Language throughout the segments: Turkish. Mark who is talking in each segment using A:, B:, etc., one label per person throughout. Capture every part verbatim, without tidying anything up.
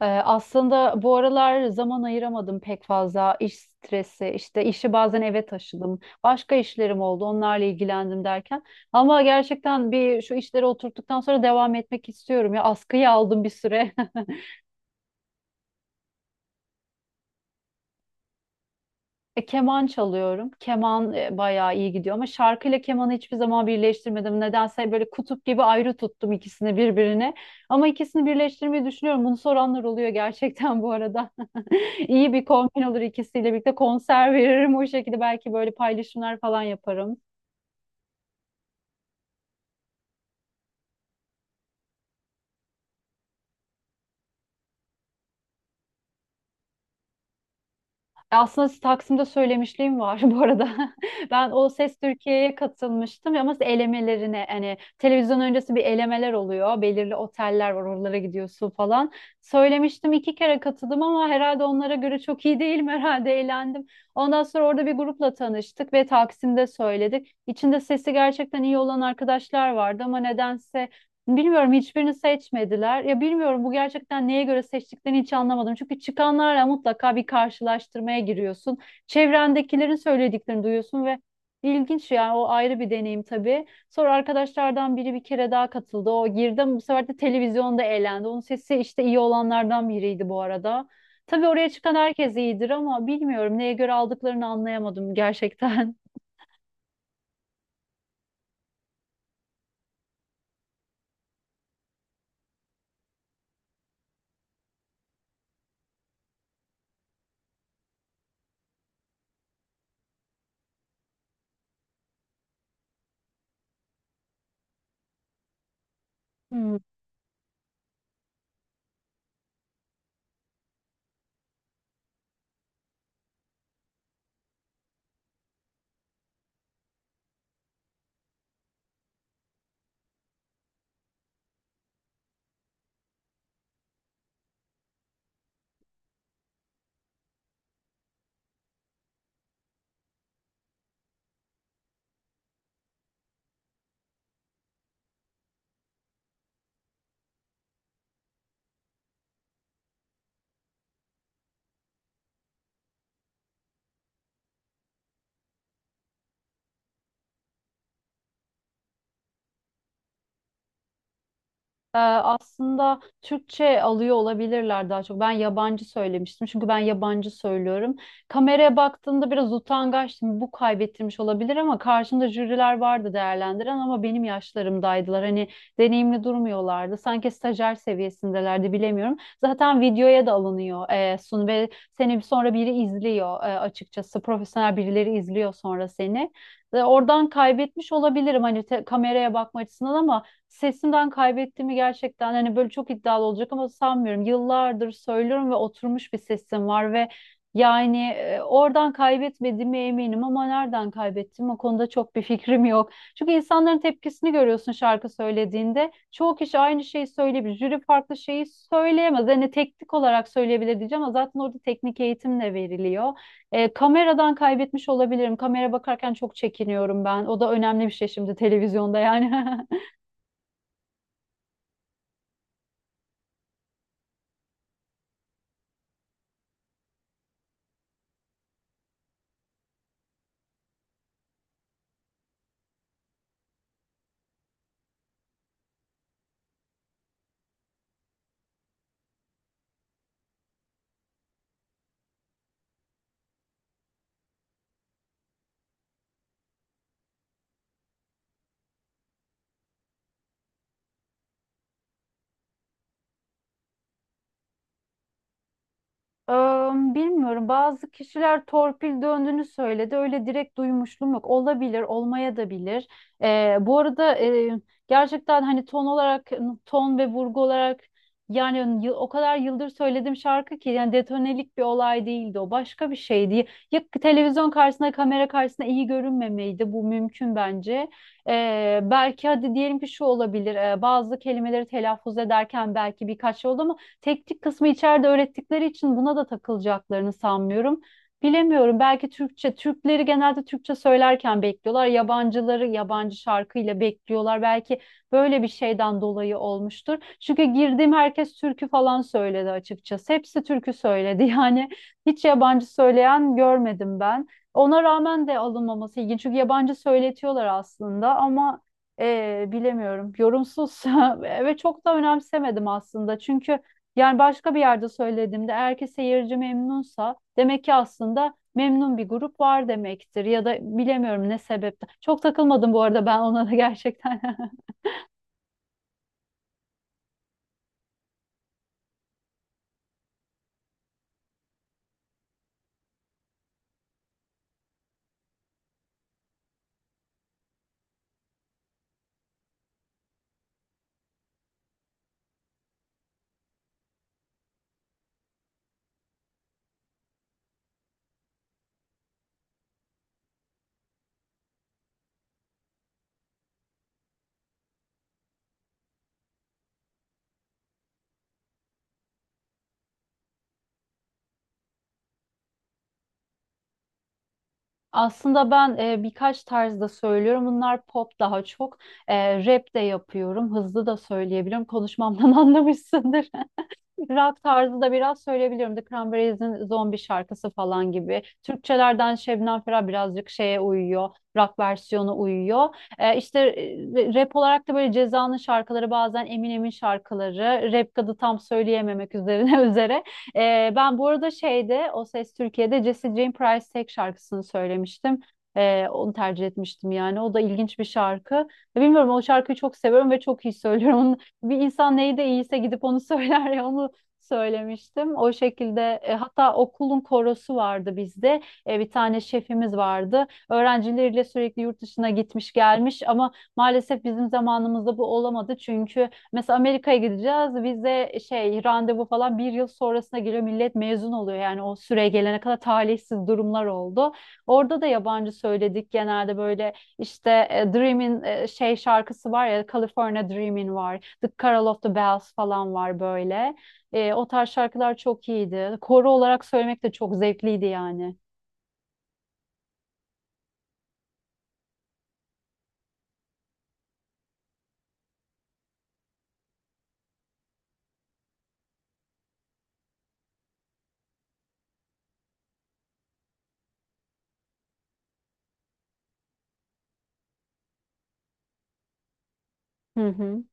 A: Ee, Aslında bu aralar zaman ayıramadım pek fazla iş stresi işte işi bazen eve taşıdım başka işlerim oldu onlarla ilgilendim derken ama gerçekten bir şu işleri oturttuktan sonra devam etmek istiyorum ya askıyı aldım bir süre. E, keman çalıyorum. Keman e, bayağı iyi gidiyor ama şarkıyla kemanı hiçbir zaman birleştirmedim. Nedense böyle kutup gibi ayrı tuttum ikisini birbirine. Ama ikisini birleştirmeyi düşünüyorum. Bunu soranlar oluyor gerçekten bu arada. İyi bir kombin olur, ikisiyle birlikte konser veririm o şekilde, belki böyle paylaşımlar falan yaparım. E, Aslında Taksim'de söylemişliğim var bu arada. Ben O Ses Türkiye'ye katılmıştım ama elemelerine, hani televizyon öncesi bir elemeler oluyor. Belirli oteller var, oralara gidiyorsun falan. Söylemiştim, iki kere katıldım ama herhalde onlara göre çok iyi değilim herhalde, eğlendim. Ondan sonra orada bir grupla tanıştık ve Taksim'de söyledik. İçinde sesi gerçekten iyi olan arkadaşlar vardı ama nedense Bilmiyorum hiçbirini seçmediler. Ya bilmiyorum, bu gerçekten neye göre seçtiklerini hiç anlamadım. Çünkü çıkanlarla mutlaka bir karşılaştırmaya giriyorsun. Çevrendekilerin söylediklerini duyuyorsun ve ilginç yani, o ayrı bir deneyim tabii. Sonra arkadaşlardan biri bir kere daha katıldı. O girdi ama bu sefer de televizyonda eğlendi. Onun sesi işte iyi olanlardan biriydi bu arada. Tabii oraya çıkan herkes iyidir ama bilmiyorum neye göre aldıklarını anlayamadım gerçekten. Ee, aslında Türkçe alıyor olabilirler daha çok. Ben yabancı söylemiştim çünkü ben yabancı söylüyorum. Kameraya baktığımda biraz utangaçtım. Bu kaybettirmiş olabilir ama karşımda jüriler vardı değerlendiren ama benim yaşlarımdaydılar. Hani deneyimli durmuyorlardı. Sanki stajyer seviyesindelerdi, bilemiyorum. Zaten videoya da alınıyor e, sun ve seni sonra biri izliyor, e, açıkçası. Profesyonel birileri izliyor sonra seni. Ve oradan kaybetmiş olabilirim, hani te- kameraya bakma açısından ama sesimden kaybettiğimi gerçekten, hani böyle çok iddialı olacak ama, sanmıyorum. Yıllardır söylüyorum ve oturmuş bir sesim var ve yani e, oradan kaybetmediğime eminim ama nereden kaybettim, o konuda çok bir fikrim yok. Çünkü insanların tepkisini görüyorsun şarkı söylediğinde. Çoğu kişi aynı şeyi söyleyebilir. Jüri farklı şeyi söyleyemez. Hani teknik olarak söyleyebilir diyeceğim ama zaten orada teknik eğitim de veriliyor. E, kameradan kaybetmiş olabilirim. Kamera bakarken çok çekiniyorum ben. O da önemli bir şey şimdi televizyonda yani. Eee, Bilmiyorum. Bazı kişiler torpil döndüğünü söyledi. Öyle direkt duymuşluğum yok. Olabilir, olmaya da bilir. Eee, bu arada eee, gerçekten hani ton olarak, ton ve vurgu olarak, yani yı- o kadar yıldır söylediğim şarkı ki, yani detonelik bir olay değildi o. Başka bir şeydi. Ya televizyon karşısında, kamera karşısında iyi görünmemeydi. Bu mümkün bence. Eee, belki hadi diyelim ki şu olabilir. Eee, bazı kelimeleri telaffuz ederken belki birkaç yolda Teknik kısmı içeride öğrettikleri için buna da takılacaklarını sanmıyorum. Bilemiyorum. Belki Türkçe, Türkleri genelde Türkçe söylerken bekliyorlar. Yabancıları yabancı şarkıyla bekliyorlar. Belki böyle bir şeyden dolayı olmuştur. Çünkü girdiğim herkes türkü falan söyledi açıkçası. Hepsi türkü söyledi. Yani hiç yabancı söyleyen görmedim ben. Ona rağmen de alınmaması ilginç. Çünkü yabancı söyletiyorlar aslında ama e, bilemiyorum. Yorumsuz ve çok da önemsemedim aslında. Çünkü yani başka bir yerde söylediğimde, eğer ki seyirci memnunsa demek ki aslında memnun bir grup var demektir ya da bilemiyorum ne sebepten. Çok takılmadım bu arada ben ona da gerçekten. Aslında ben e, birkaç tarzda söylüyorum. Bunlar pop daha çok. E, rap de yapıyorum. Hızlı da söyleyebiliyorum. Konuşmamdan anlamışsındır. Rock tarzı da biraz söyleyebilirim. The Cranberries'in Zombi şarkısı falan gibi. Türkçelerden Şebnem Ferah birazcık şeye uyuyor. Rock versiyonu uyuyor. Ee, işte e, rap olarak da böyle Ceza'nın şarkıları, bazen Eminem'in şarkıları. Rap kadı tam söyleyememek üzerine üzere. Ee, ben bu arada şeyde O Ses Türkiye'de Jessie Jane Price tek şarkısını söylemiştim. Ee, onu tercih etmiştim yani. O da ilginç bir şarkı. Bilmiyorum, o şarkıyı çok seviyorum ve çok iyi söylüyorum. Onu- bir insan neyi de iyiyse gidip onu söyler ya, onu söylemiştim. O şekilde, e, hatta okulun korosu vardı bizde. E, bir tane şefimiz vardı. Öğrencileriyle sürekli yurt dışına gitmiş gelmiş ama maalesef bizim zamanımızda bu olamadı. Çünkü mesela Amerika'ya gideceğiz. Vize şey randevu falan bir yıl sonrasına geliyor. Millet mezun oluyor. Yani o süre gelene kadar talihsiz durumlar oldu. Orada da yabancı söyledik genelde, böyle işte e, Dream'in e, şey şarkısı var ya, California Dreamin' var. The Carol of the Bells falan var böyle. E, o tarz şarkılar çok iyiydi. Koro olarak söylemek de çok zevkliydi yani. Hı hı.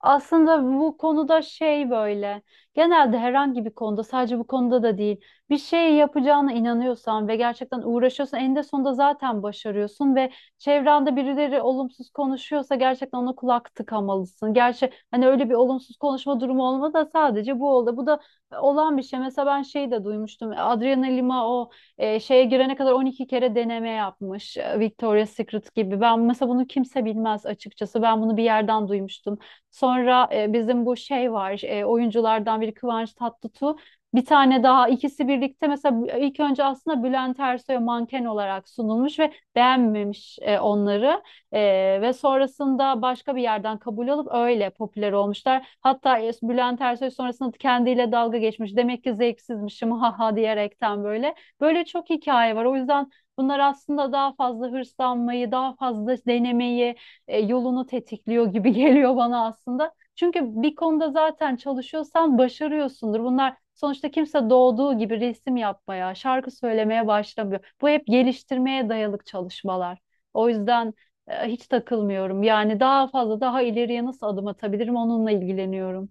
A: Aslında bu konuda şey böyle genelde, herhangi bir konuda, sadece bu konuda da değil, bir şey yapacağına inanıyorsan ve gerçekten uğraşıyorsan eninde sonunda zaten başarıyorsun ve çevrende birileri olumsuz konuşuyorsa gerçekten ona kulak tıkamalısın. Gerçi hani öyle bir olumsuz konuşma durumu olmadı da sadece bu oldu. Bu da e, olan bir şey. Mesela ben şeyi de duymuştum. Adriana Lima o e, şeye girene kadar on iki kere deneme yapmış. e, Victoria's Secret gibi. Ben mesela bunu kimse bilmez açıkçası. Ben bunu bir yerden duymuştum. Sonra e, bizim bu şey var, e, oyunculardan biri Kıvanç Tatlıtuğ. Bir tane daha, ikisi birlikte mesela ilk önce aslında Bülent Ersoy'a manken olarak sunulmuş ve beğenmemiş e, onları. E, Ve sonrasında başka bir yerden kabul alıp öyle popüler olmuşlar. Hatta e, Bülent Ersoy sonrasında kendiyle dalga geçmiş. Demek ki zevksizmişim ha ha, diyerekten böyle. Böyle çok hikaye var. O yüzden bunlar aslında daha fazla hırslanmayı, daha fazla denemeyi e, yolunu tetikliyor gibi geliyor bana aslında. Çünkü bir konuda zaten çalışıyorsan başarıyorsundur. Bunlar sonuçta, kimse doğduğu gibi resim yapmaya, şarkı söylemeye başlamıyor. Bu hep geliştirmeye dayalı çalışmalar. O yüzden e, hiç takılmıyorum. Yani daha fazla, daha ileriye nasıl adım atabilirim onunla ilgileniyorum.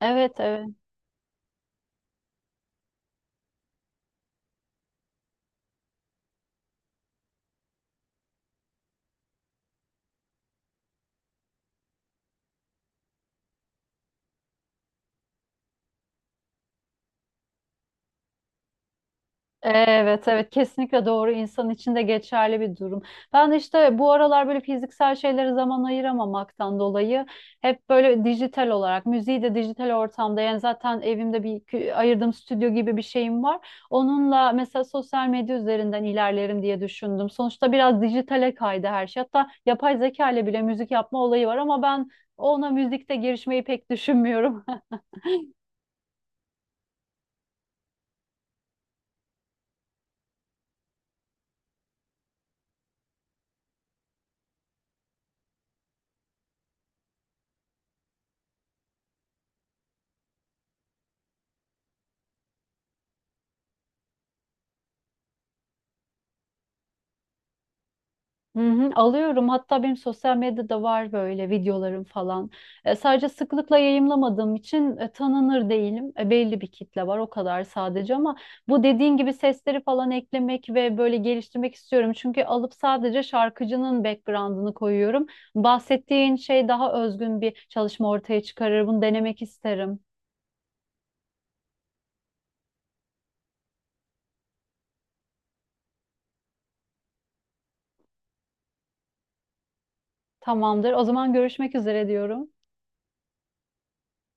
A: Evet, evet. Evet, evet, kesinlikle doğru, insan için de geçerli bir durum. Ben de işte bu aralar böyle fiziksel şeylere zaman ayıramamaktan dolayı hep böyle dijital olarak, müziği de dijital ortamda, yani zaten evimde bir kü- ayırdığım stüdyo gibi bir şeyim var. Onunla mesela sosyal medya üzerinden ilerlerim diye düşündüm. Sonuçta biraz dijitale kaydı her şey. Hatta yapay zeka ile bile müzik yapma olayı var ama ben ona müzikte girişmeyi pek düşünmüyorum. Hı hı, alıyorum. Hatta benim sosyal medyada var böyle videolarım falan. E, sadece sıklıkla yayımlamadığım için e, tanınır değilim. E, belli bir kitle var o kadar sadece ama bu dediğin gibi sesleri falan eklemek ve böyle geliştirmek istiyorum. Çünkü alıp sadece şarkıcının background'ını koyuyorum. Bahsettiğin şey daha özgün bir çalışma ortaya çıkarır. Bunu denemek isterim. Tamamdır. O zaman görüşmek üzere diyorum.